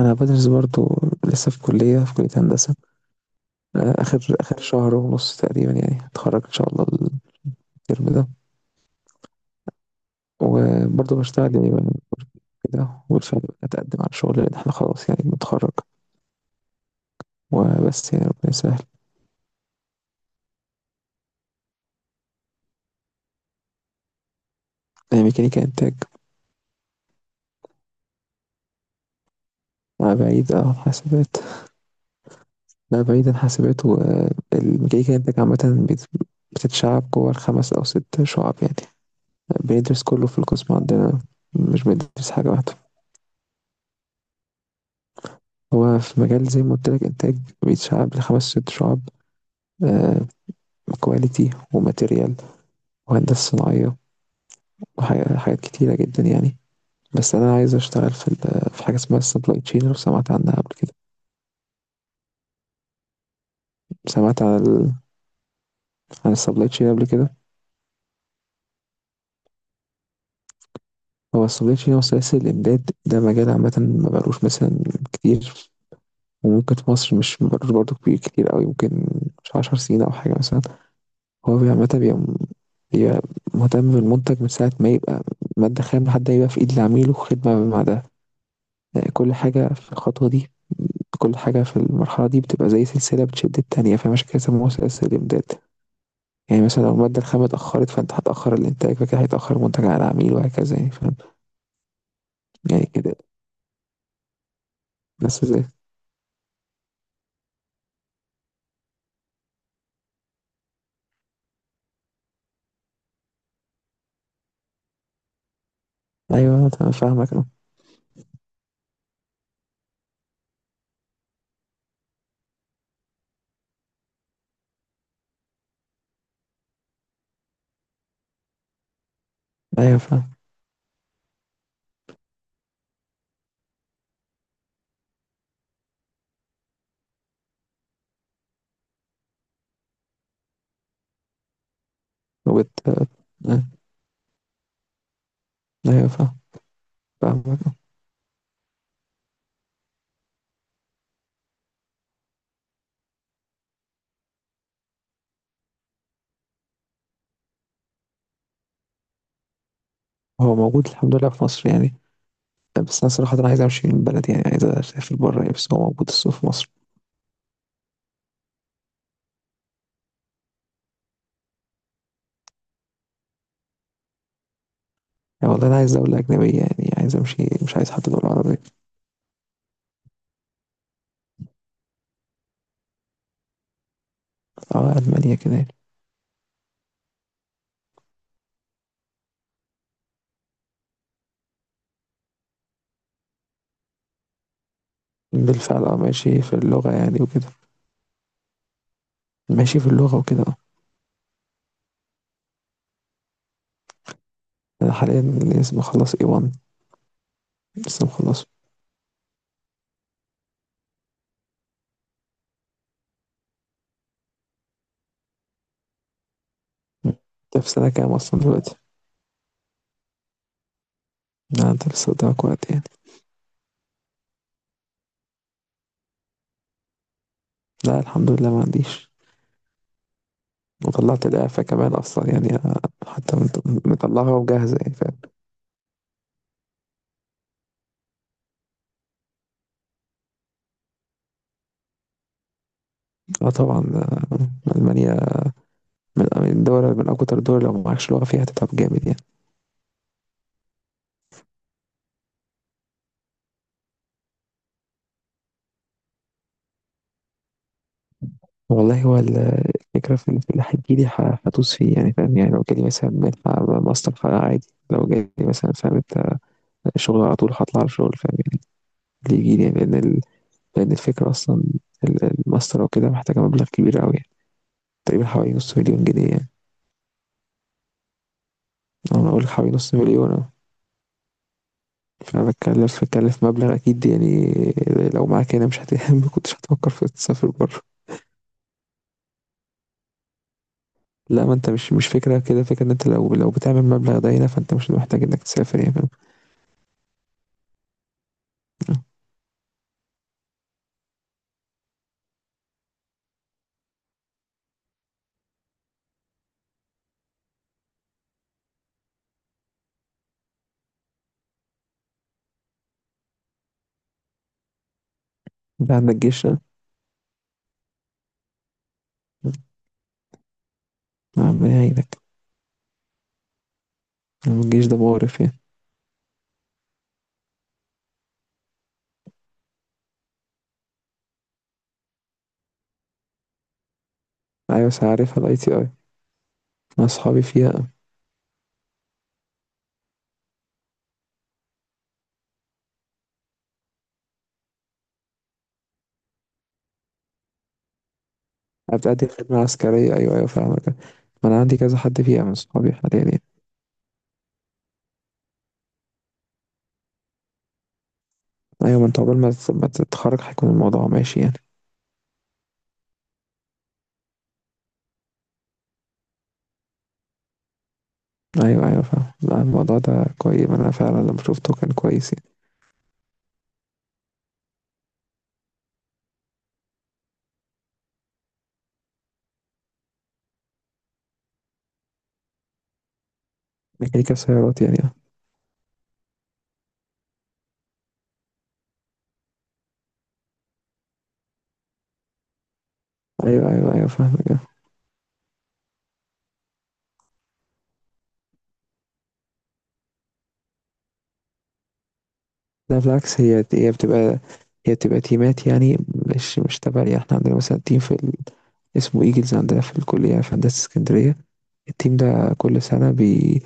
انا بدرس برضو، لسه في كلية هندسة. آه، اخر شهر ونص تقريبا يعني هتخرج ان شاء الله الترم ده. وبرضو بشتغل يعني من كده، وبالفعل اتقدم على شغل لان احنا خلاص يعني بنتخرج. وبس يعني ربنا يسهل. آه، ميكانيكا انتاج. مع بعيد اه عن حاسبات. لا بعيد عن حاسبات، والميكانيكا انتاج عامة بتتشعب جوه الخمس او ست شعب يعني. بندرس كله في القسم عندنا، مش بندرس حاجة واحدة. هو في مجال زي ما قلت لك إنتاج بيتشعب لخمس ست شعب: كواليتي، وماتيريال، وهندسة صناعية، وحاجات حاجات كتيرة جدا يعني. بس أنا عايز أشتغل في في حاجة اسمها السبلاي تشين، لو سمعت عنها قبل كده. سمعت عن عن السبلاي تشين قبل كده؟ هو السبلاي تشين هو سلاسل الإمداد. ده مجال عامة ما بقالوش مثلا كتير، وممكن في مصر مش مبقالوش برضه كبير كتير أوي، ممكن مش عشر سنين أو حاجة مثلا. هو عامة بيبقى مهتم بالمنتج من ساعة ما يبقى مادة خام لحد ما يبقى في إيد العميل، وخدمة بعدها. كل حاجة في الخطوة دي، كل حاجة في المرحلة دي بتبقى زي سلسلة بتشد التانية، فعشان كده سموها سلاسل الإمداد. يعني مثلا لو المادة الخام اتأخرت، فأنت هتأخر الإنتاج، فكده هيتأخر المنتج على العميل، وهكذا يعني، فاهم. يعني كده. بس زي أيوه، أنا تمام فاهمك أه. أيوه فاهم. وبت آه، أه، أيوه فاهم. فاهمك أه. هو موجود الحمد لله في مصر يعني، بس أنا صراحة أنا عايز أمشي من البلد يعني، عايز أسافر بره يعني، بس هو موجود السوق في مصر. يعني والله أنا عايز دولة أجنبية يعني، عايز أمشي، مش عايز حتى دولة عربية. أه ألمانيا كده يعني. بالفعل أه ماشي في اللغة يعني وكده. ماشي في اللغة وكده آه. أنا حاليا لسه مخلص A1. لسه مخلصه. مم. أنت في سنة كام أصلا دلوقتي؟ لا أنت لسه قدامك وقت يعني. لا الحمد لله ما عنديش. وطلعت الإعفاء كمان أصلا يعني، أنا حتى مطلعها وجاهزة يعني فاهم. اه طبعا آه، ألمانيا من الدول، من أكتر الدول لو معكش لغة فيها هتتعب جامد يعني. والله هو الفكرة في اللي هتجيلي هدوس فيه يعني، فاهم يعني، لو جالي مثلا منحة ماستر فأنا عادي، لو جالي مثلا، فاهم أنت، شغل على طول هطلع على شغل فاهم يعني. اللي يجيلي يعني، لأن، لأن الفكرة أصلا الماستر وكده محتاجة مبلغ كبير أوي، تقريبا حوالي نص مليون جنيه يعني. أنا أقول حوالي نص مليون أهو. فأنا بتكلف مبلغ أكيد يعني. لو معاك هنا مش ما كنتش هتفكر في تسافر بره. لا ما انت مش فكرة كده، فكرة ان انت لو بتعمل مبلغ ده هنا فانت مش محتاج انك تسافر يعني، فاهم؟ انت عندك جيش ها؟ ربنا يعينك. الجيش ده مقرف يعني. ايوه بس عارفها الاي تي اي، انا اصحابي فيها. بتأدي خدمة عسكرية، ايوه ايوه فاهمك. ما انا عندي كذا حد فيها من اصحابي حاليا يعني. ايوه، ما انت عقبال ما ما تتخرج هيكون الموضوع ماشي يعني. ايوه ايوه فاهم، لا الموضوع ده كويس، انا فعلا لما شفته كان كويس يعني. ميكانيكا سيارات يعني آه. ايوه ايوه ايوه فاهمك آه. لا بالعكس، هي بتبقى، هي بتبقى تيمات يعني، مش تبع يعني. احنا عندنا مثلا تيم في اسمه ايجلز عندنا في الكلية في هندسة اسكندرية. التيم ده كل سنة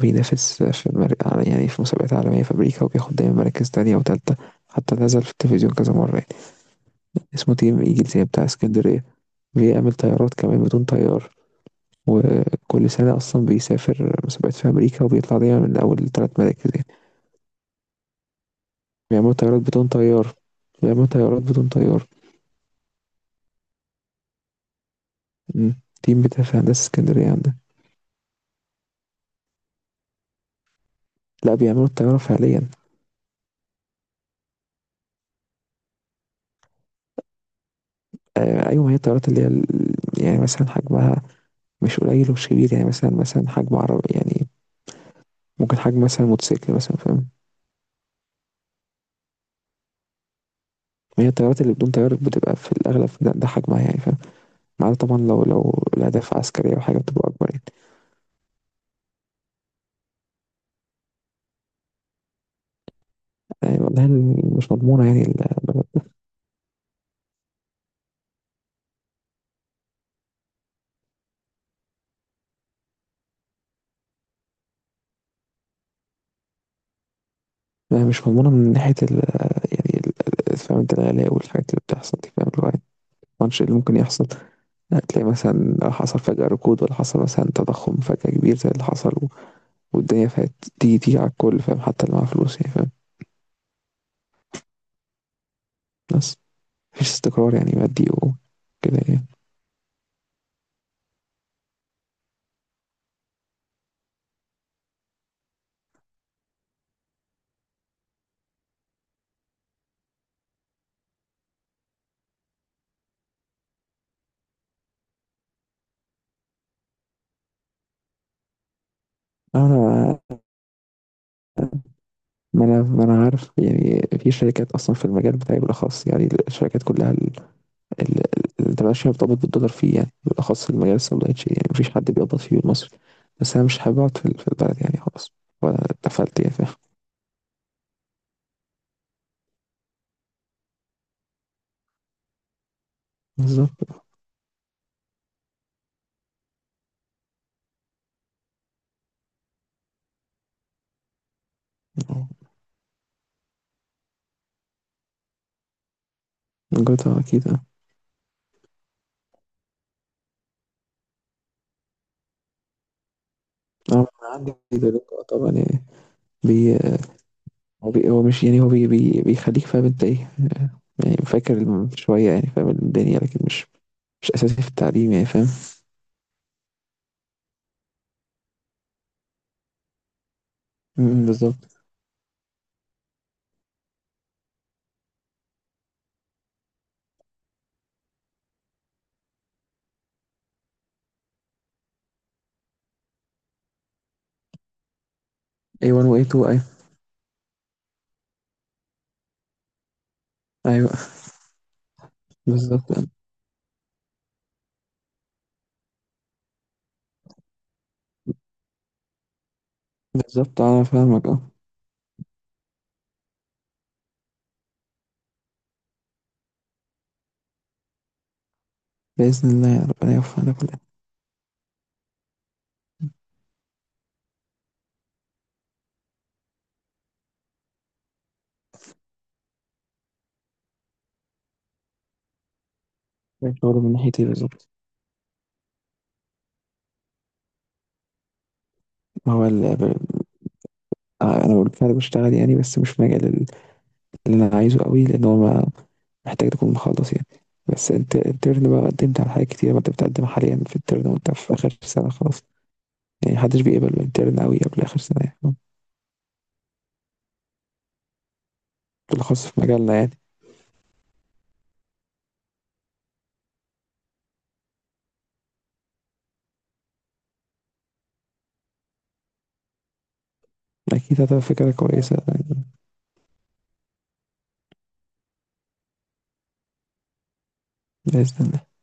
بينافس في يعني في مسابقات عالمية في أمريكا، وبياخد دايما مراكز تانية وتالتة، حتى نزل في التلفزيون كذا مرة يعني. اسمه تيم ايجلز، هي بتاع اسكندرية. بيعمل طيارات كمان بدون طيار. وكل سنة أصلا بيسافر مسابقات في أمريكا وبيطلع دايما من أول تلات مراكز يعني. بيعملوا طيارات بدون طيار، بيعملوا طيارات بدون طيار. مم. تيم بتاع في هندسة اسكندرية عندنا. لا بيعملوا الطيارة فعليا. آه أيوة، ما هي الطيارات اللي هي يعني مثلا حجمها مش قليل ومش كبير يعني، مثلا حجم عربي يعني، ممكن حجم مثلا موتوسيكل مثلا، فاهم. ما هي الطيارات اللي بدون طيار بتبقى في الأغلب ده حجمها يعني، فاهم. ما عدا طبعا لو الأهداف عسكرية أو حاجة بتبقى أكبر يعني. يعني والله مش مضمونة يعني مش مضمونة من ناحية ال. يعني فاهم انت الغلاء والحاجات اللي بتحصل دي، فاهم، اللي هو يعني الماتش اللي ممكن يحصل. هتلاقي مثلا حصل فجأة ركود، ولا حصل مثلا تضخم فجأة كبير زي اللي حصل والدنيا فات. دي على الكل فاهم، حتى اللي معاه فلوس يعني فاهم. بس مفيش استقرار يعني مادي وكده يعني. أنا ما أنا ما أنا عارف يعني، في شركات أصلا في المجال بتاعي بالأخص يعني. الشركات كلها ال- ده مبقاش مرتبط بالدولار فيه يعني، بالأخص المجال السوداء شيء يعني، مفيش حد بيقبض فيه المصري. بس أنا مش حابب أقعد في في البلد يعني خلاص، وأنا اتقفلت يا فاهم. بالظبط آه. جوتا أكيد أه. آه، أنا عندي دلوقتي طبعا يعني. بي بي هو مش يعني، هو بي بيخليك فاهم أنت إيه آه، يعني فاكر شوية يعني، فاهم الدنيا لكن مش أساسي في التعليم يعني فاهم. أمم، بالظبط. A1 و A2 أيوة. أيوة بالظبط بالظبط، أنا فاهمك أه. بإذن الله يا ربنا يوفقنا كلنا. شغل من ناحيتي بالظبط. ما هو آه، انا بالفعل بشتغل يعني، بس مش في مجال اللي انا عايزه قوي، لان هو محتاج تكون مخلص يعني. بس انت الترن بقى قدمت على حاجات كتير، ما انت بتقدم حاليا في الترن وانت في اخر سنه خلاص يعني، محدش بيقبل بالترن قوي قبل اخر سنه يعني، بالخاص في مجالنا يعني. اكيد هتبقى فكره كويسه يعني، باذن الله